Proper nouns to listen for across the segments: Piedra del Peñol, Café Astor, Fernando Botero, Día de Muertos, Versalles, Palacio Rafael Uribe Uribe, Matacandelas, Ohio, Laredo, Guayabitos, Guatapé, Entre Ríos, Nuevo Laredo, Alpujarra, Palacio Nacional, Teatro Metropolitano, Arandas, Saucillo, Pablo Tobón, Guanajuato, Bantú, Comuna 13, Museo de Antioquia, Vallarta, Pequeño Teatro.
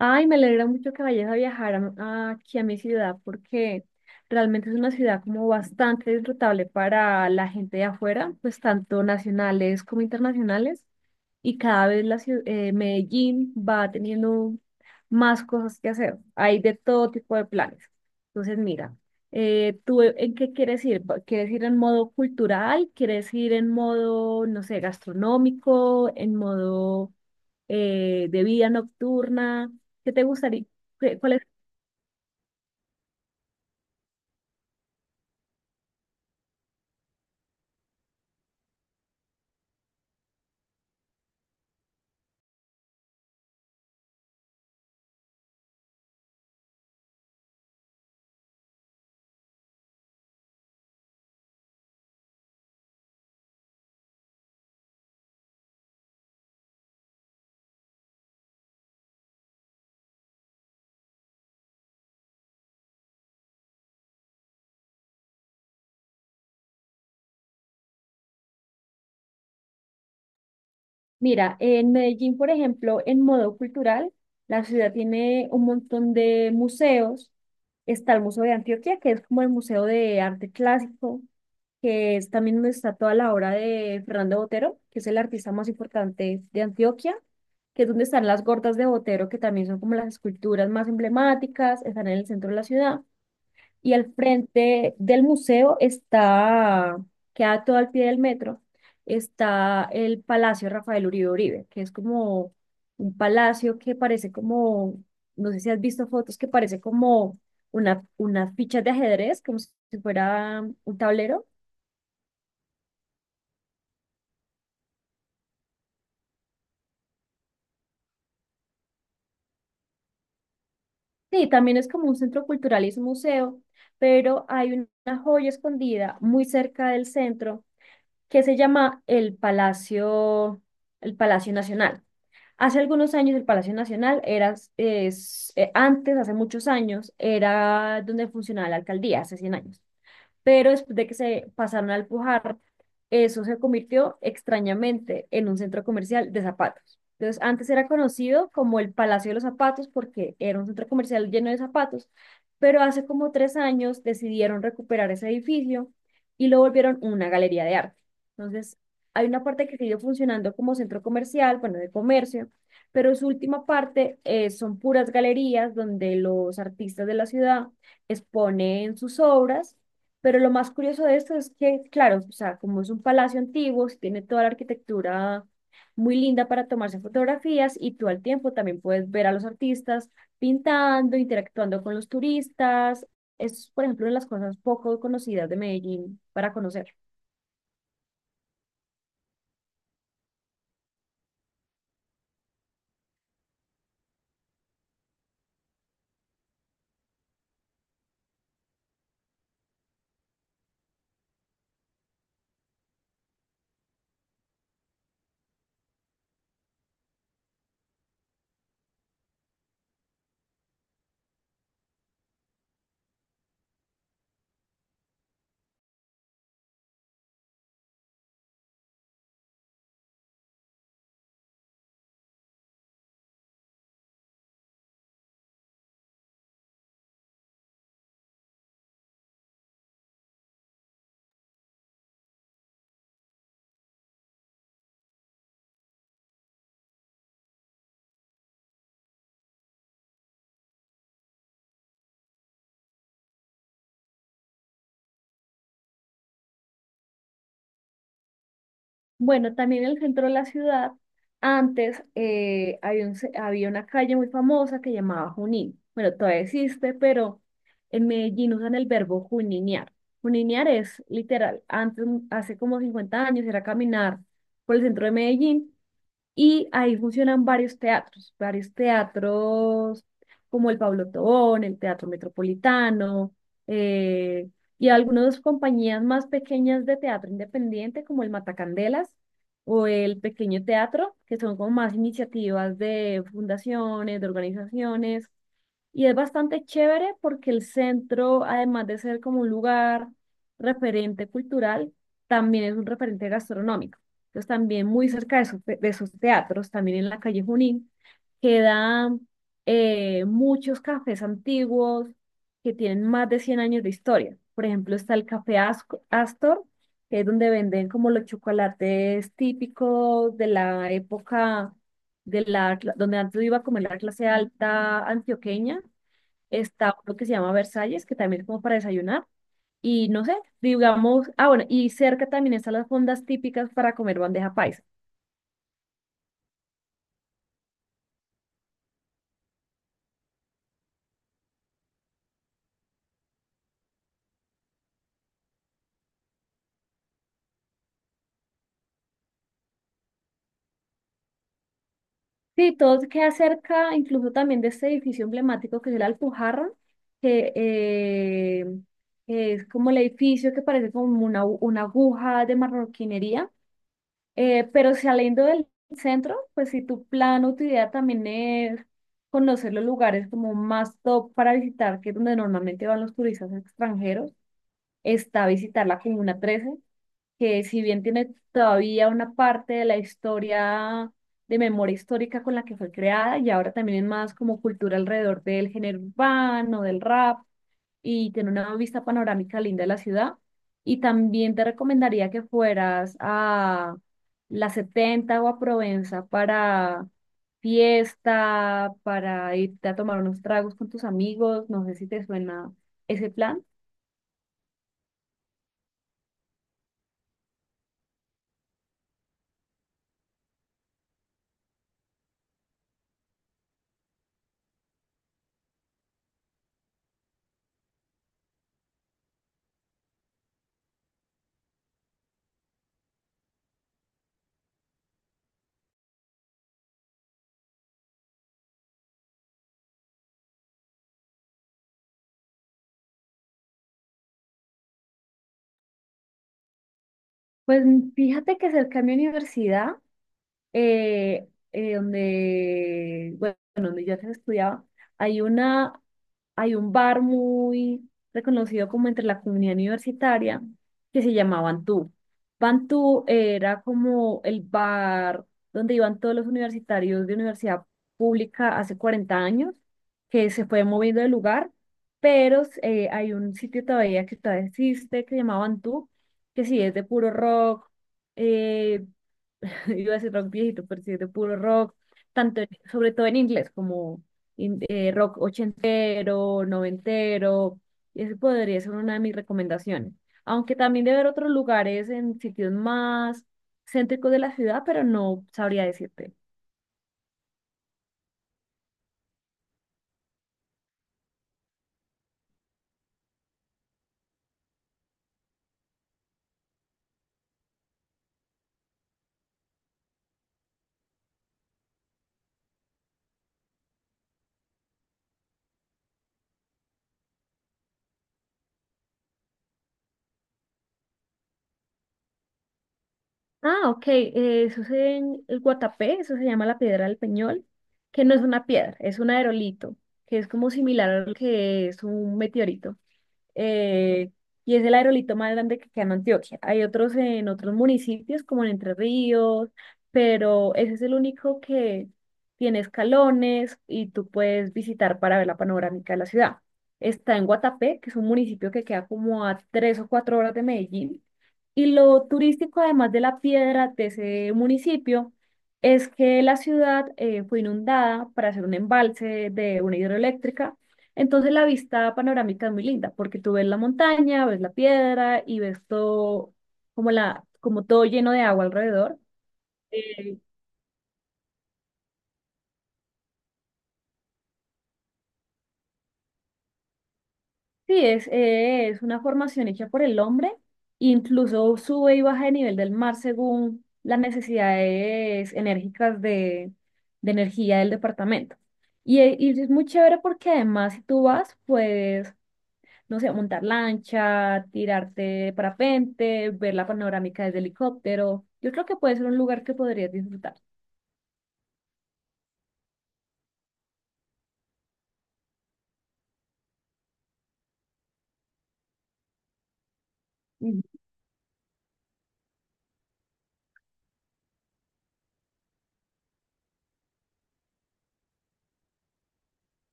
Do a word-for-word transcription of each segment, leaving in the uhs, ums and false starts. Ay, me alegra mucho que vayas a viajar a- a- aquí a mi ciudad porque realmente es una ciudad como bastante disfrutable para la gente de afuera, pues tanto nacionales como internacionales. Y cada vez la ciu- eh, Medellín va teniendo más cosas que hacer. Hay de todo tipo de planes. Entonces, mira, eh, ¿tú e- en qué quieres ir? ¿Va- ¿Quieres ir en modo cultural? ¿Quieres ir en modo, no sé, gastronómico? ¿En modo eh, de vida nocturna? ¿Qué te gustaría? ¿Qué- Cuál es? Mira, en Medellín, por ejemplo, en modo cultural, la ciudad tiene un montón de museos. Está el Museo de Antioquia, que es como el Museo de Arte Clásico, que es también donde está toda la obra de Fernando Botero, que es el artista más importante de Antioquia, que es donde están las gordas de Botero, que también son como las esculturas más emblemáticas, están en el centro de la ciudad. Y al frente del museo está, queda todo al pie del metro, está el Palacio Rafael Uribe Uribe, que es como un palacio que parece como, no sé si has visto fotos, que parece como una, unas fichas de ajedrez, como si fuera un tablero. Sí, también es como un centro cultural y es un museo, pero hay una joya escondida muy cerca del centro que se llama el Palacio, el Palacio Nacional. Hace algunos años el Palacio Nacional era, es, eh, antes, hace muchos años, era donde funcionaba la alcaldía, hace cien años, pero después de que se pasaron a Pujar, eso se convirtió extrañamente en un centro comercial de zapatos. Entonces, antes era conocido como el Palacio de los Zapatos porque era un centro comercial lleno de zapatos, pero hace como tres años decidieron recuperar ese edificio y lo volvieron una galería de arte. Entonces, hay una parte que sigue funcionando como centro comercial, bueno, de comercio, pero su última parte eh, son puras galerías donde los artistas de la ciudad exponen sus obras, pero lo más curioso de esto es que, claro, o sea, como es un palacio antiguo, sí tiene toda la arquitectura muy linda para tomarse fotografías y tú al tiempo también puedes ver a los artistas pintando, interactuando con los turistas. Es, por ejemplo, una de las cosas poco conocidas de Medellín para conocer. Bueno, también en el centro de la ciudad, antes eh, había, un ce- había una calle muy famosa que llamaba Junín. Bueno, todavía existe, pero en Medellín usan el verbo juninear. Juninear es literal, antes, hace como cincuenta años era caminar por el centro de Medellín y ahí funcionan varios teatros, varios teatros como el Pablo Tobón, el Teatro Metropolitano, eh, y algunas compañías más pequeñas de teatro independiente como el Matacandelas o el Pequeño Teatro, que son como más iniciativas de fundaciones, de organizaciones. Y es bastante chévere porque el centro, además de ser como un lugar referente cultural, también es un referente gastronómico. Entonces también muy cerca de, esos te- de esos teatros, también en la calle Junín, quedan eh, muchos cafés antiguos que tienen más de cien años de historia. Por ejemplo, está el Café Asco- Astor, que es donde venden como los chocolates típicos de la época de la, cla- donde antes iba a comer la clase alta antioqueña. Está lo que se llama Versalles, que también es como para desayunar. Y no sé, digamos, ah, bueno, y cerca también están las fondas típicas para comer bandeja paisa. Sí, todo queda cerca, incluso también de este edificio emblemático que es el Alpujarra, que eh, es como el edificio que parece como una, una aguja de marroquinería, eh, pero saliendo del centro, pues si tu plan o tu idea también es conocer los lugares como más top para visitar, que es donde normalmente van los turistas extranjeros, está visitar la Comuna trece, que si bien tiene todavía una parte de la historia de memoria histórica con la que fue creada, y ahora también es más como cultura alrededor del género urbano, del rap, y tiene una vista panorámica linda de la ciudad. Y también te recomendaría que fueras a la setenta o a Provenza para fiesta, para irte a tomar unos tragos con tus amigos, no sé si te suena ese plan. Pues fíjate que cerca de mi universidad eh, eh, donde, bueno, donde yo antes estudiaba, hay una, hay un bar muy reconocido como entre la comunidad universitaria que se llamaba Bantú. Bantú era como el bar donde iban todos los universitarios de universidad pública hace cuarenta años, que se fue moviendo de lugar, pero eh, hay un sitio todavía que todavía existe que se llamaba Bantú, que sí es de puro rock, eh, iba a decir rock viejito, pero sí, de puro rock, tanto en- sobre todo en inglés, como in- eh, rock ochentero, noventero, y ese podría ser una de mis recomendaciones. Aunque también debe haber otros lugares en sitios más céntricos de la ciudad, pero no sabría decirte. Ah, ok, eh, eso es en el Guatapé, eso se llama la Piedra del Peñol, que no es una piedra, es un aerolito, que es como similar a lo que es un meteorito. eh, y es el aerolito más grande que queda en Antioquia. Hay otros en otros municipios, como en Entre Ríos, pero ese es el único que tiene escalones y tú puedes visitar para ver la panorámica de la ciudad. Está en Guatapé, que es un municipio que queda como a tres o cuatro horas de Medellín. Y lo turístico, además de la piedra de ese municipio, es que la ciudad eh, fue inundada para hacer un embalse de una hidroeléctrica, entonces la vista panorámica es muy linda porque tú ves la montaña, ves la piedra y ves todo como la, como todo lleno de agua alrededor. Eh, sí, es, eh, es una formación hecha por el hombre, incluso sube y baja de nivel del mar según las necesidades enérgicas de, de energía del departamento. Y, eh, y es muy chévere porque además si tú vas, pues no sé, montar lancha, tirarte de parapente, ver la panorámica desde helicóptero. Yo creo que puede ser un lugar que podrías disfrutar. Ujú.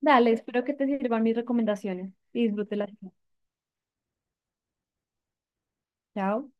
Dale, espero que te sirvan mis recomendaciones y disfrútelas. Chao.